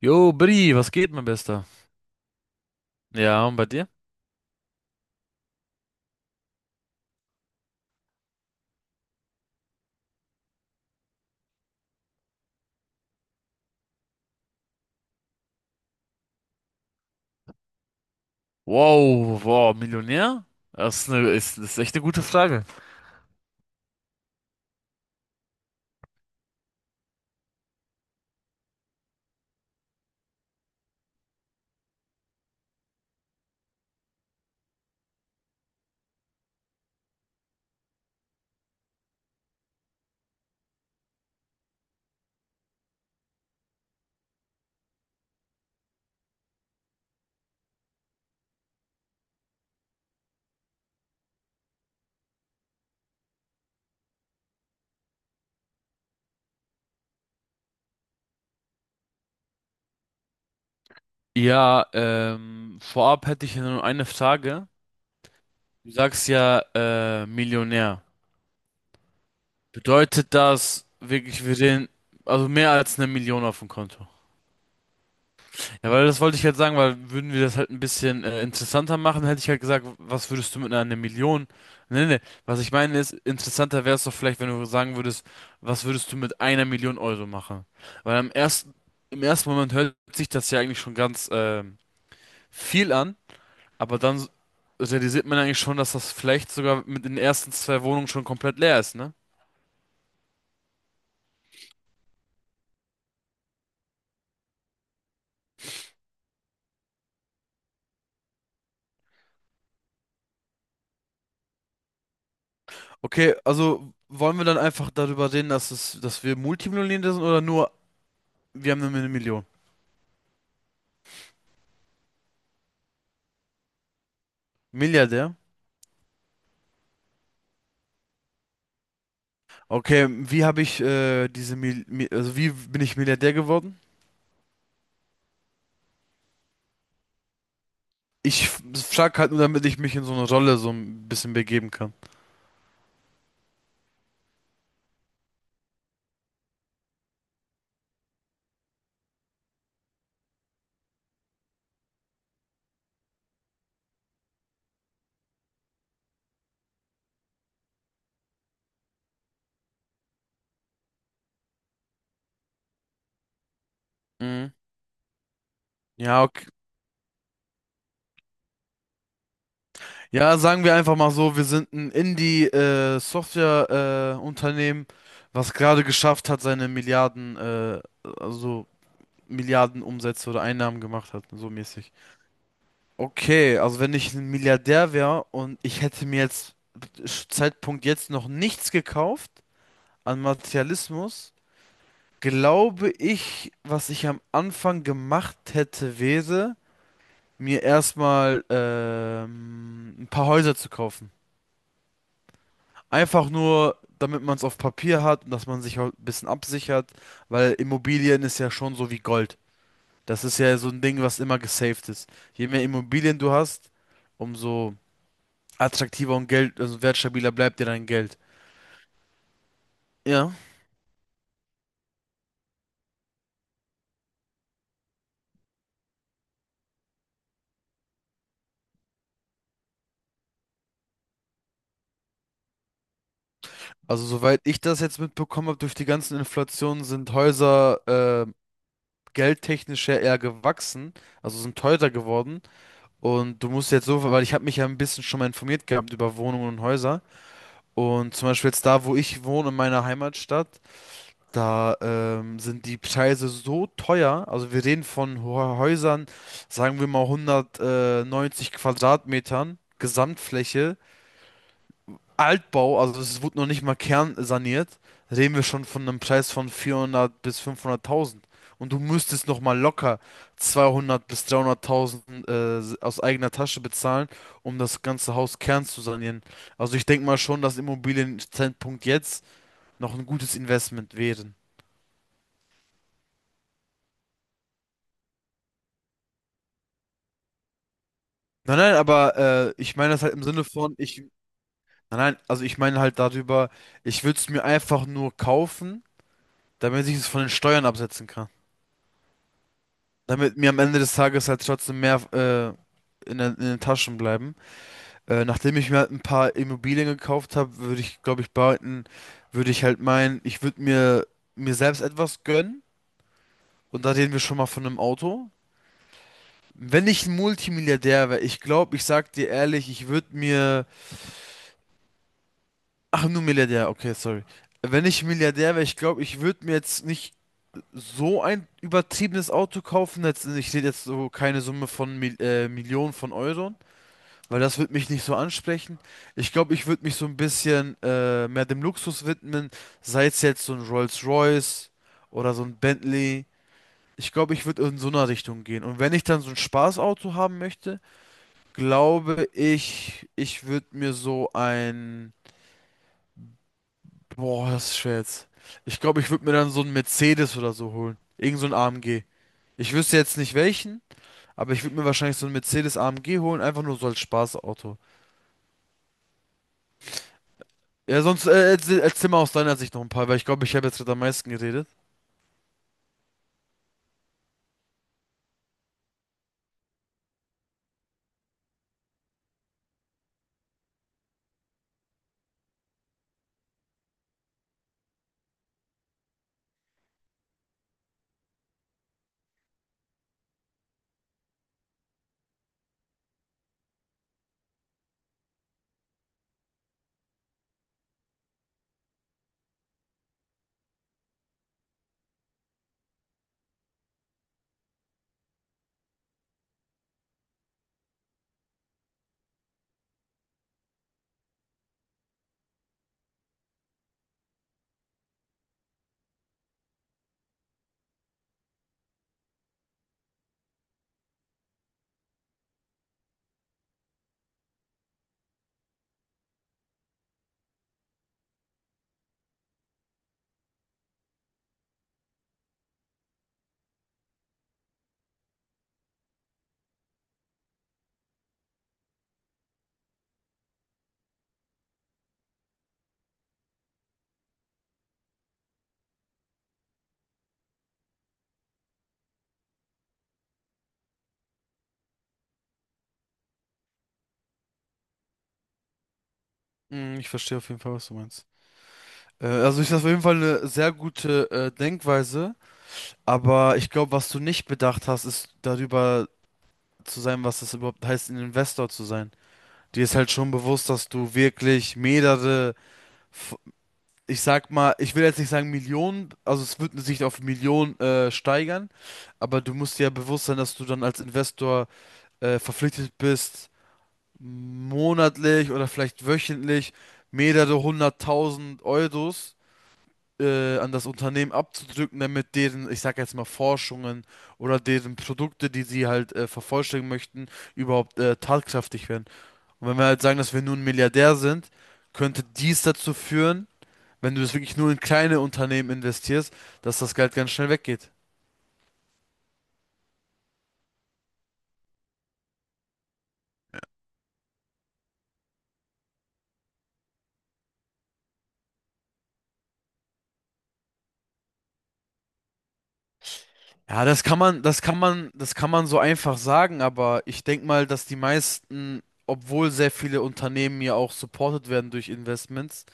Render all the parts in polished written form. Jo, Bri, was geht, mein Bester? Ja, und bei dir? Wow, wow, Millionär? Das ist echt eine gute Frage. Ja, vorab hätte ich ja nur eine Frage. Du sagst ja, Millionär. Bedeutet das wirklich, wir sehen, also mehr als eine Million auf dem Konto? Ja, weil das wollte ich halt sagen, weil würden wir das halt ein bisschen interessanter machen, hätte ich halt gesagt, was würdest du mit einer Million? Nee, nee, was ich meine ist, interessanter wäre es doch vielleicht, wenn du sagen würdest, was würdest du mit einer Million Euro machen? Weil am ersten, Im ersten Moment hört sich das ja eigentlich schon ganz viel an, aber dann realisiert man eigentlich schon, dass das vielleicht sogar mit den ersten zwei Wohnungen schon komplett leer ist, ne? Okay, also wollen wir dann einfach darüber reden, dass wir Multimillionäre sind, oder nur, wir haben nur eine Million? Milliardär? Okay, wie habe ich diese Mil Mi also wie bin ich Milliardär geworden? Ich frag halt nur, damit ich mich in so eine Rolle so ein bisschen begeben kann. Mhm. Ja, okay. Ja, sagen wir einfach mal so, wir sind ein Indie Software Unternehmen, was gerade geschafft hat, seine Milliarden also Milliarden Umsätze oder Einnahmen gemacht hat, so mäßig. Okay, also wenn ich ein Milliardär wäre und ich hätte mir jetzt Zeitpunkt jetzt noch nichts gekauft an Materialismus, glaube ich, was ich am Anfang gemacht hätte, wäre, mir erstmal ein paar Häuser zu kaufen. Einfach nur, damit man es auf Papier hat und dass man sich auch ein bisschen absichert, weil Immobilien ist ja schon so wie Gold. Das ist ja so ein Ding, was immer gesaved ist. Je mehr Immobilien du hast, umso attraktiver und Geld, also wertstabiler bleibt dir dein Geld. Ja. Also soweit ich das jetzt mitbekommen habe durch die ganzen Inflationen, sind Häuser geldtechnisch ja eher gewachsen, also sind teurer geworden. Und du musst jetzt so, weil ich habe mich ja ein bisschen schon mal informiert gehabt über Wohnungen und Häuser. Und zum Beispiel jetzt da, wo ich wohne, in meiner Heimatstadt, da sind die Preise so teuer. Also wir reden von Häusern, sagen wir mal 190 Quadratmetern Gesamtfläche. Altbau, also es wurde noch nicht mal kernsaniert, reden wir schon von einem Preis von 400 bis 500.000. Und du müsstest noch mal locker 200 bis 300.000 aus eigener Tasche bezahlen, um das ganze Haus Kern zu sanieren. Also ich denke mal schon, dass Immobilien Zeitpunkt jetzt noch ein gutes Investment wären. Nein, nein, aber ich meine das halt im Sinne von, nein, nein, also ich meine halt darüber, ich würde es mir einfach nur kaufen, damit ich es von den Steuern absetzen kann. Damit mir am Ende des Tages halt trotzdem mehr in, in den Taschen bleiben. Nachdem ich mir halt ein paar Immobilien gekauft habe, würde ich, glaube ich, behalten, würde ich halt meinen, ich würde mir, mir selbst etwas gönnen. Und da reden wir schon mal von einem Auto. Wenn ich ein Multimilliardär wäre, ich glaube, ich sag dir ehrlich, ich würde mir. Ach, nur Milliardär, okay, sorry. Wenn ich Milliardär wäre, ich glaube, ich würde mir jetzt nicht so ein übertriebenes Auto kaufen. Jetzt, ich rede jetzt so keine Summe von Millionen von Euro. Weil das würde mich nicht so ansprechen. Ich glaube, ich würde mich so ein bisschen mehr dem Luxus widmen, sei es jetzt so ein Rolls-Royce oder so ein Bentley. Ich glaube, ich würde in so einer Richtung gehen. Und wenn ich dann so ein Spaßauto haben möchte, glaube ich, ich würde mir so ein... Boah, das ist schwer jetzt. Ich glaube, ich würde mir dann so einen Mercedes oder so holen. Irgend so ein AMG. Ich wüsste jetzt nicht welchen, aber ich würde mir wahrscheinlich so einen Mercedes AMG holen, einfach nur so als Spaßauto. Ja, sonst erzähl mal aus deiner Sicht noch ein paar, weil ich glaube, ich habe jetzt gerade am meisten geredet. Hm, ich verstehe auf jeden Fall, was du meinst. Also ich das auf jeden Fall eine sehr gute Denkweise, aber ich glaube, was du nicht bedacht hast, ist darüber zu sein, was es überhaupt heißt, ein Investor zu sein. Dir ist halt schon bewusst, dass du wirklich mehrere, f- ich sag mal, ich will jetzt nicht sagen Millionen, also es wird sich auf Millionen steigern, aber du musst dir ja bewusst sein, dass du dann als Investor verpflichtet bist, monatlich oder vielleicht wöchentlich mehrere hunderttausend Euros an das Unternehmen abzudrücken, damit deren, ich sag jetzt mal, Forschungen oder deren Produkte, die sie halt vervollständigen möchten, überhaupt tatkräftig werden. Und wenn wir halt sagen, dass wir nun Milliardär sind, könnte dies dazu führen, wenn du das wirklich nur in kleine Unternehmen investierst, dass das Geld ganz schnell weggeht. Ja, das kann man so einfach sagen, aber ich denke mal, dass die meisten, obwohl sehr viele Unternehmen ja auch supported werden durch Investments,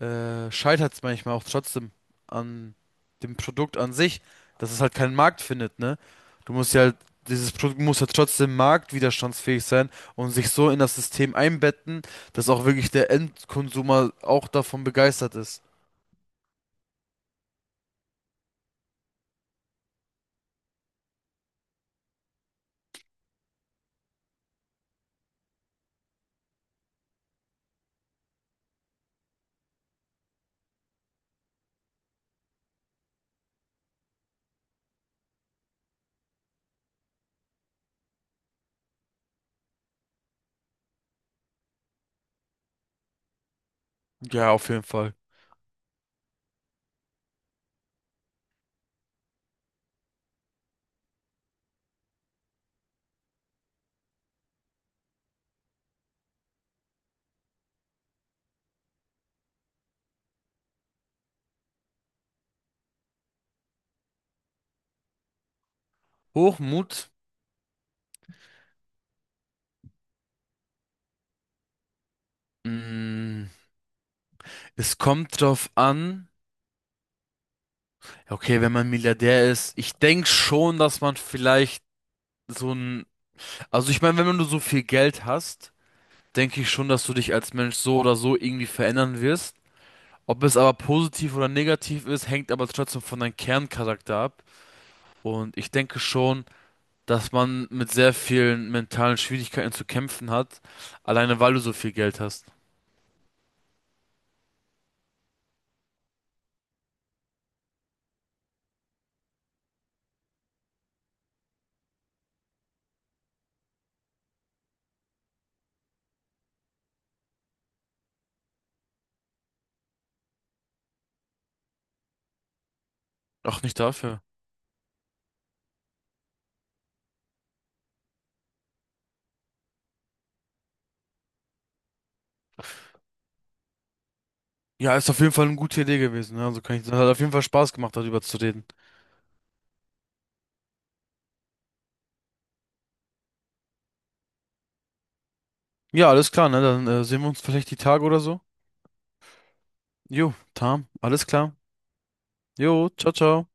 scheitert es manchmal auch trotzdem an dem Produkt an sich, dass es halt keinen Markt findet, ne? Du musst ja halt, dieses Produkt muss ja trotzdem marktwiderstandsfähig sein und sich so in das System einbetten, dass auch wirklich der Endkonsumer auch davon begeistert ist. Ja, auf jeden Fall. Hochmut. Mm. Es kommt drauf an. Okay, wenn man Milliardär ist, ich denke schon, dass man vielleicht so ein, also ich meine, wenn du so viel Geld hast, denke ich schon, dass du dich als Mensch so oder so irgendwie verändern wirst. Ob es aber positiv oder negativ ist, hängt aber trotzdem von deinem Kerncharakter ab. Und ich denke schon, dass man mit sehr vielen mentalen Schwierigkeiten zu kämpfen hat, alleine weil du so viel Geld hast. Ach, nicht dafür. Ja, ist auf jeden Fall eine gute Idee gewesen, ne? Also kann ich, hat auf jeden Fall Spaß gemacht, darüber zu reden. Ja, alles klar, ne? Dann sehen wir uns vielleicht die Tage oder so. Jo, Tam, alles klar. Jo, ciao, ciao.